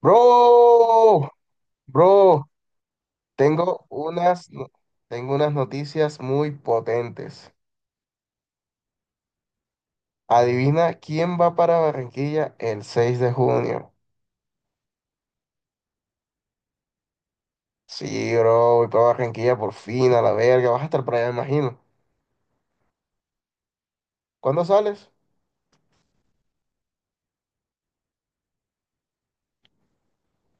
Bro, bro, tengo unas, no- tengo unas noticias muy potentes. Adivina quién va para Barranquilla el seis de junio. Sí, bro, voy para Barranquilla por fin, a la verga. Vas a estar por allá, me imagino. ¿Cuándo sales?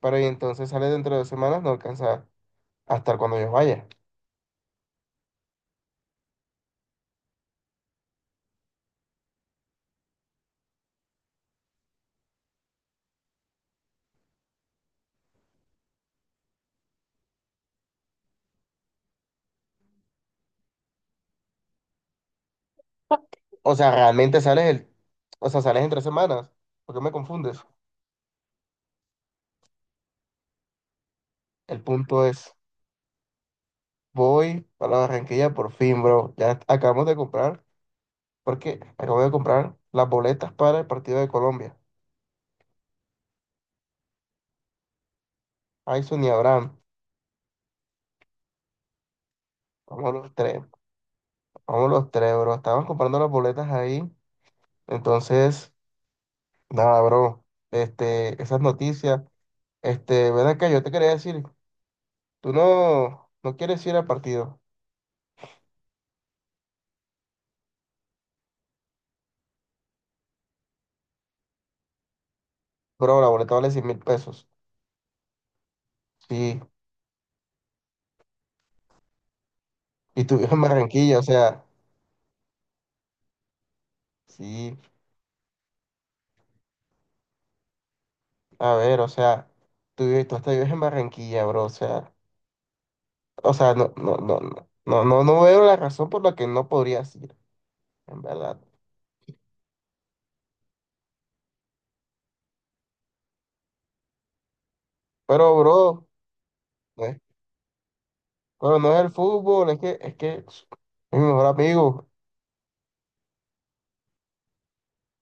Para y entonces sales dentro de dos semanas, no alcanza a estar cuando yo vaya. O sea, realmente o sea, sales en tres semanas. ¿Por qué me confundes? El punto es, voy para Barranquilla por fin, bro. Ya acabamos de comprar. Porque acabo de comprar las boletas para el partido de Colombia. Ayson y Abraham. Vamos los tres. Vamos los tres, bro. Estábamos comprando las boletas ahí. Entonces, nada, bro. Este, esas noticias. Este, ven acá, yo te quería decir, tú no quieres ir al partido. Bro, la boleta vale 100 mil pesos. Sí. Y tú vives en Barranquilla, o sea, sí. A ver, o sea, tú hasta vives en Barranquilla, bro. O sea, no veo la razón por la que no podrías ir. En verdad. Pero, bro, no es- pero no es el fútbol, es que es mi mejor amigo.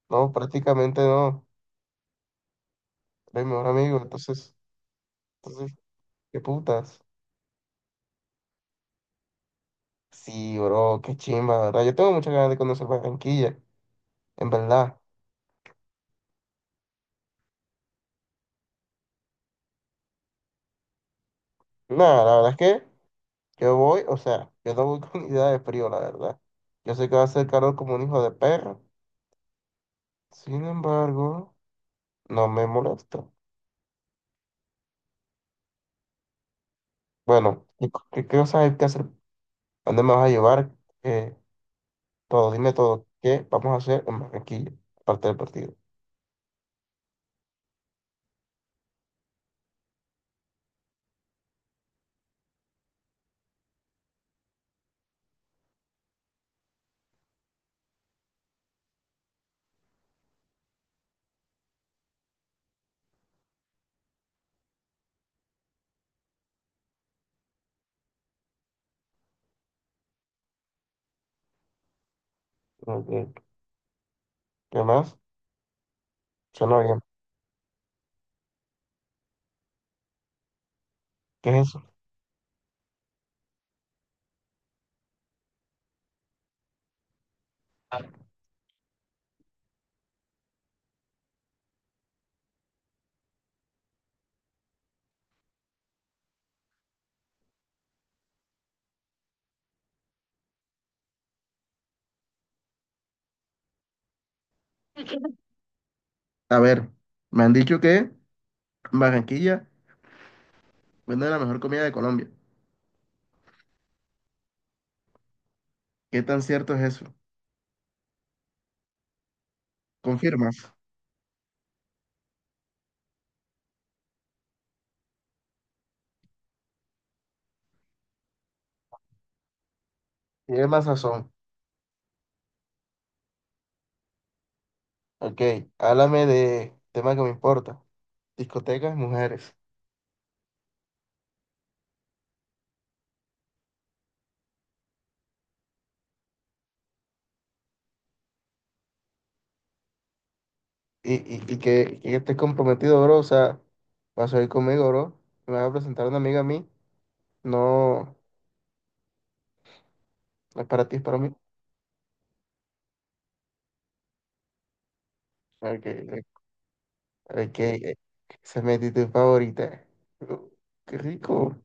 No, prácticamente no. Es mi mejor amigo. Entonces, entonces, qué putas. Sí, bro, qué chimba, la verdad. Yo tengo muchas ganas de conocer Barranquilla, en verdad. Nada, la verdad es que yo voy, o sea, yo no voy con idea de frío, la verdad. Yo sé que va a ser calor como un hijo de perro. Sin embargo, no me molesta. Bueno, ¿qué, qué cosas hay que hacer? ¿A ¿dónde me vas a llevar? Todo, dime todo. ¿Qué vamos a hacer en Barranquilla? Aparte del partido. Como ¿qué más? Suena bien. ¿Qué es eso? A ver, me han dicho que en Barranquilla vende la mejor comida de Colombia. ¿Qué tan cierto es eso? ¿Confirmas? Tiene más sazón. Ok, háblame de tema que me importa. Discotecas, mujeres. Y que estés comprometido, bro. O sea, vas a ir conmigo, bro. Me vas a presentar a una amiga a mí. No, no es para ti, es para mí. Ok, Ok, esa es mi actitud favorita. Uh, Qué rico,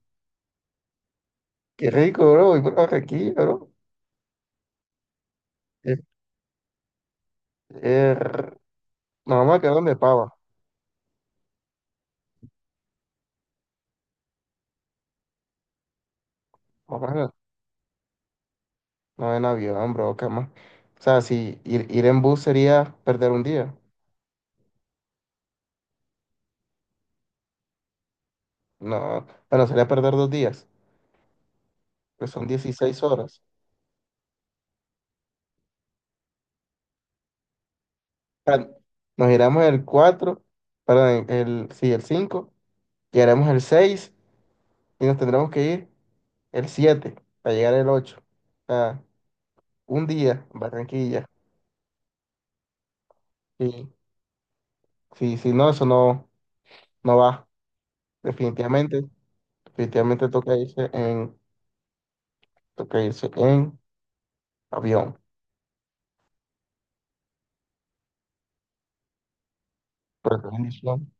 qué rico, bro. Y por Barranquilla, bro. Eh, eh, nos vamos a quedar donde pava. Vamos a- no en avión, bro, cama. O sea, si ir, ir en bus sería perder un día. No, bueno, sería perder dos días, pues son 16 horas. O sea, nos iremos el 4, perdón, el 5, llegaremos el 6 y nos tendremos que ir el 7 para llegar el ocho. O sea, un día en Barranquilla. Sí, sí, no, eso no, no va. Definitivamente, definitivamente toca irse en, toca irse en avión. Pero qué bendición,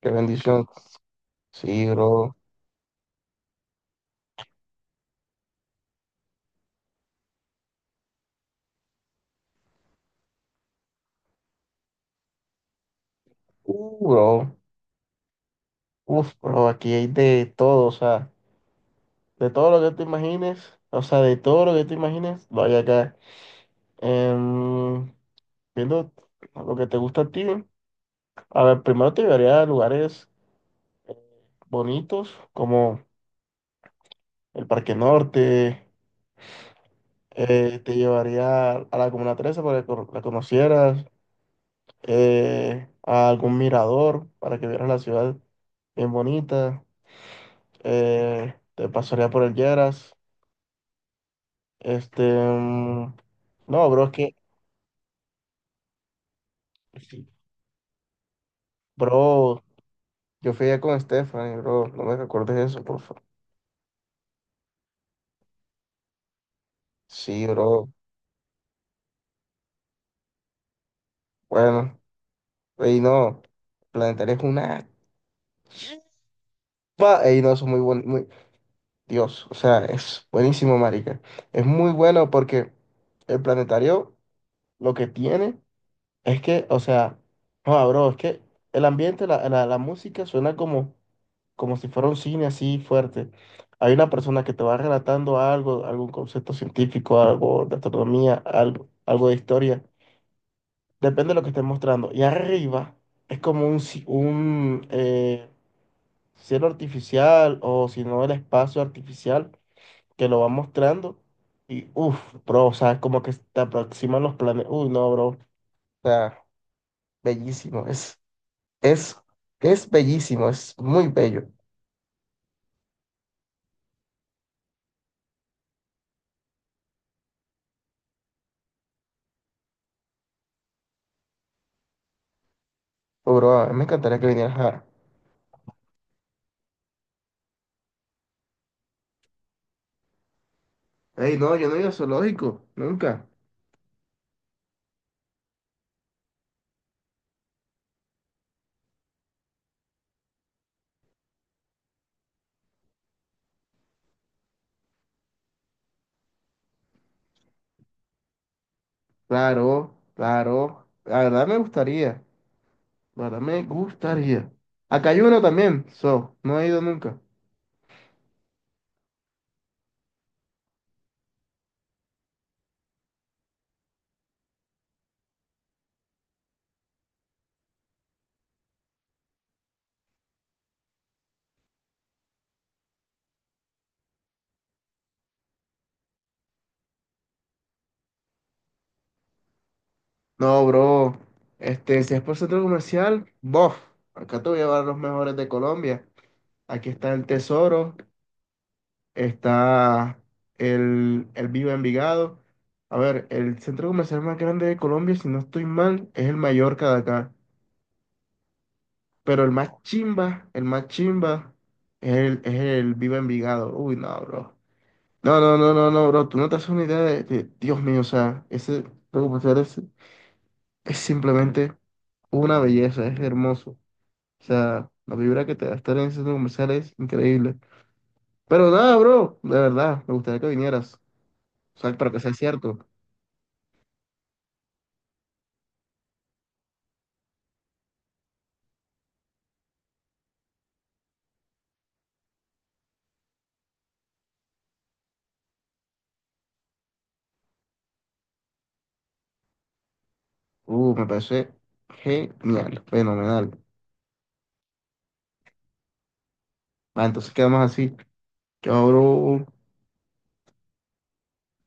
qué bendición. Sí, bro. Bro. Uf, bro, aquí hay de todo, o sea, de todo lo que te imagines, o sea, de todo lo que te imagines, lo hay acá. Em, viendo lo que te gusta a ti, a ver, primero te llevaría a lugares bonitos como el Parque Norte. Te llevaría a la Comuna trece para que la conocieras, a algún mirador para que vieras la ciudad bien bonita, te pasaría por el Lleras, este, mm, no, bro, es que, sí, bro, yo fui allá con Stephanie, bro, no me recuerdes eso, por favor. Sí, bro, bueno, y no, Planetaria es una, pa, y no, eso es muy bonito, Dios, o sea, es buenísimo, marica. Es muy bueno porque el planetario lo que tiene es que, o sea, no, bro, es que el ambiente, la música suena como, como si fuera un cine así fuerte. Hay una persona que te va relatando algo, algún concepto científico, algo de astronomía, algo de historia. Depende de lo que estés mostrando. Y arriba es como un, cielo artificial o si no el espacio artificial que lo va mostrando y uff, bro, o sea, como que te aproximan los planes. Uy, no, bro, o sea, bellísimo, es, es bellísimo, es muy bello. Oh, bro, a mí me encantaría que vinieras a... Ey, no, yo no he ido a zoológico, nunca. Claro, claro, la verdad me gustaría, la verdad me gustaría. Acá hay uno también, so, no he ido nunca. No, bro, este, si es por centro comercial, bof, acá te voy a llevar los mejores de Colombia. Aquí está el tesoro, está el Viva Envigado. A ver, el centro comercial más grande de Colombia, si no estoy mal, es el Mallorca de acá. Pero el más chimba, es el Viva Envigado. Uy, no, bro. No, bro. Tú no te haces una idea Dios mío, o sea, ese centro comercial es simplemente una belleza, es hermoso. O sea, la vibra que te da estar en ese centro comercial es increíble. Pero nada, bro, de verdad, me gustaría que vinieras. O sea, para que sea cierto. Me parece genial, fenomenal. Va, entonces quedamos así. Yo abro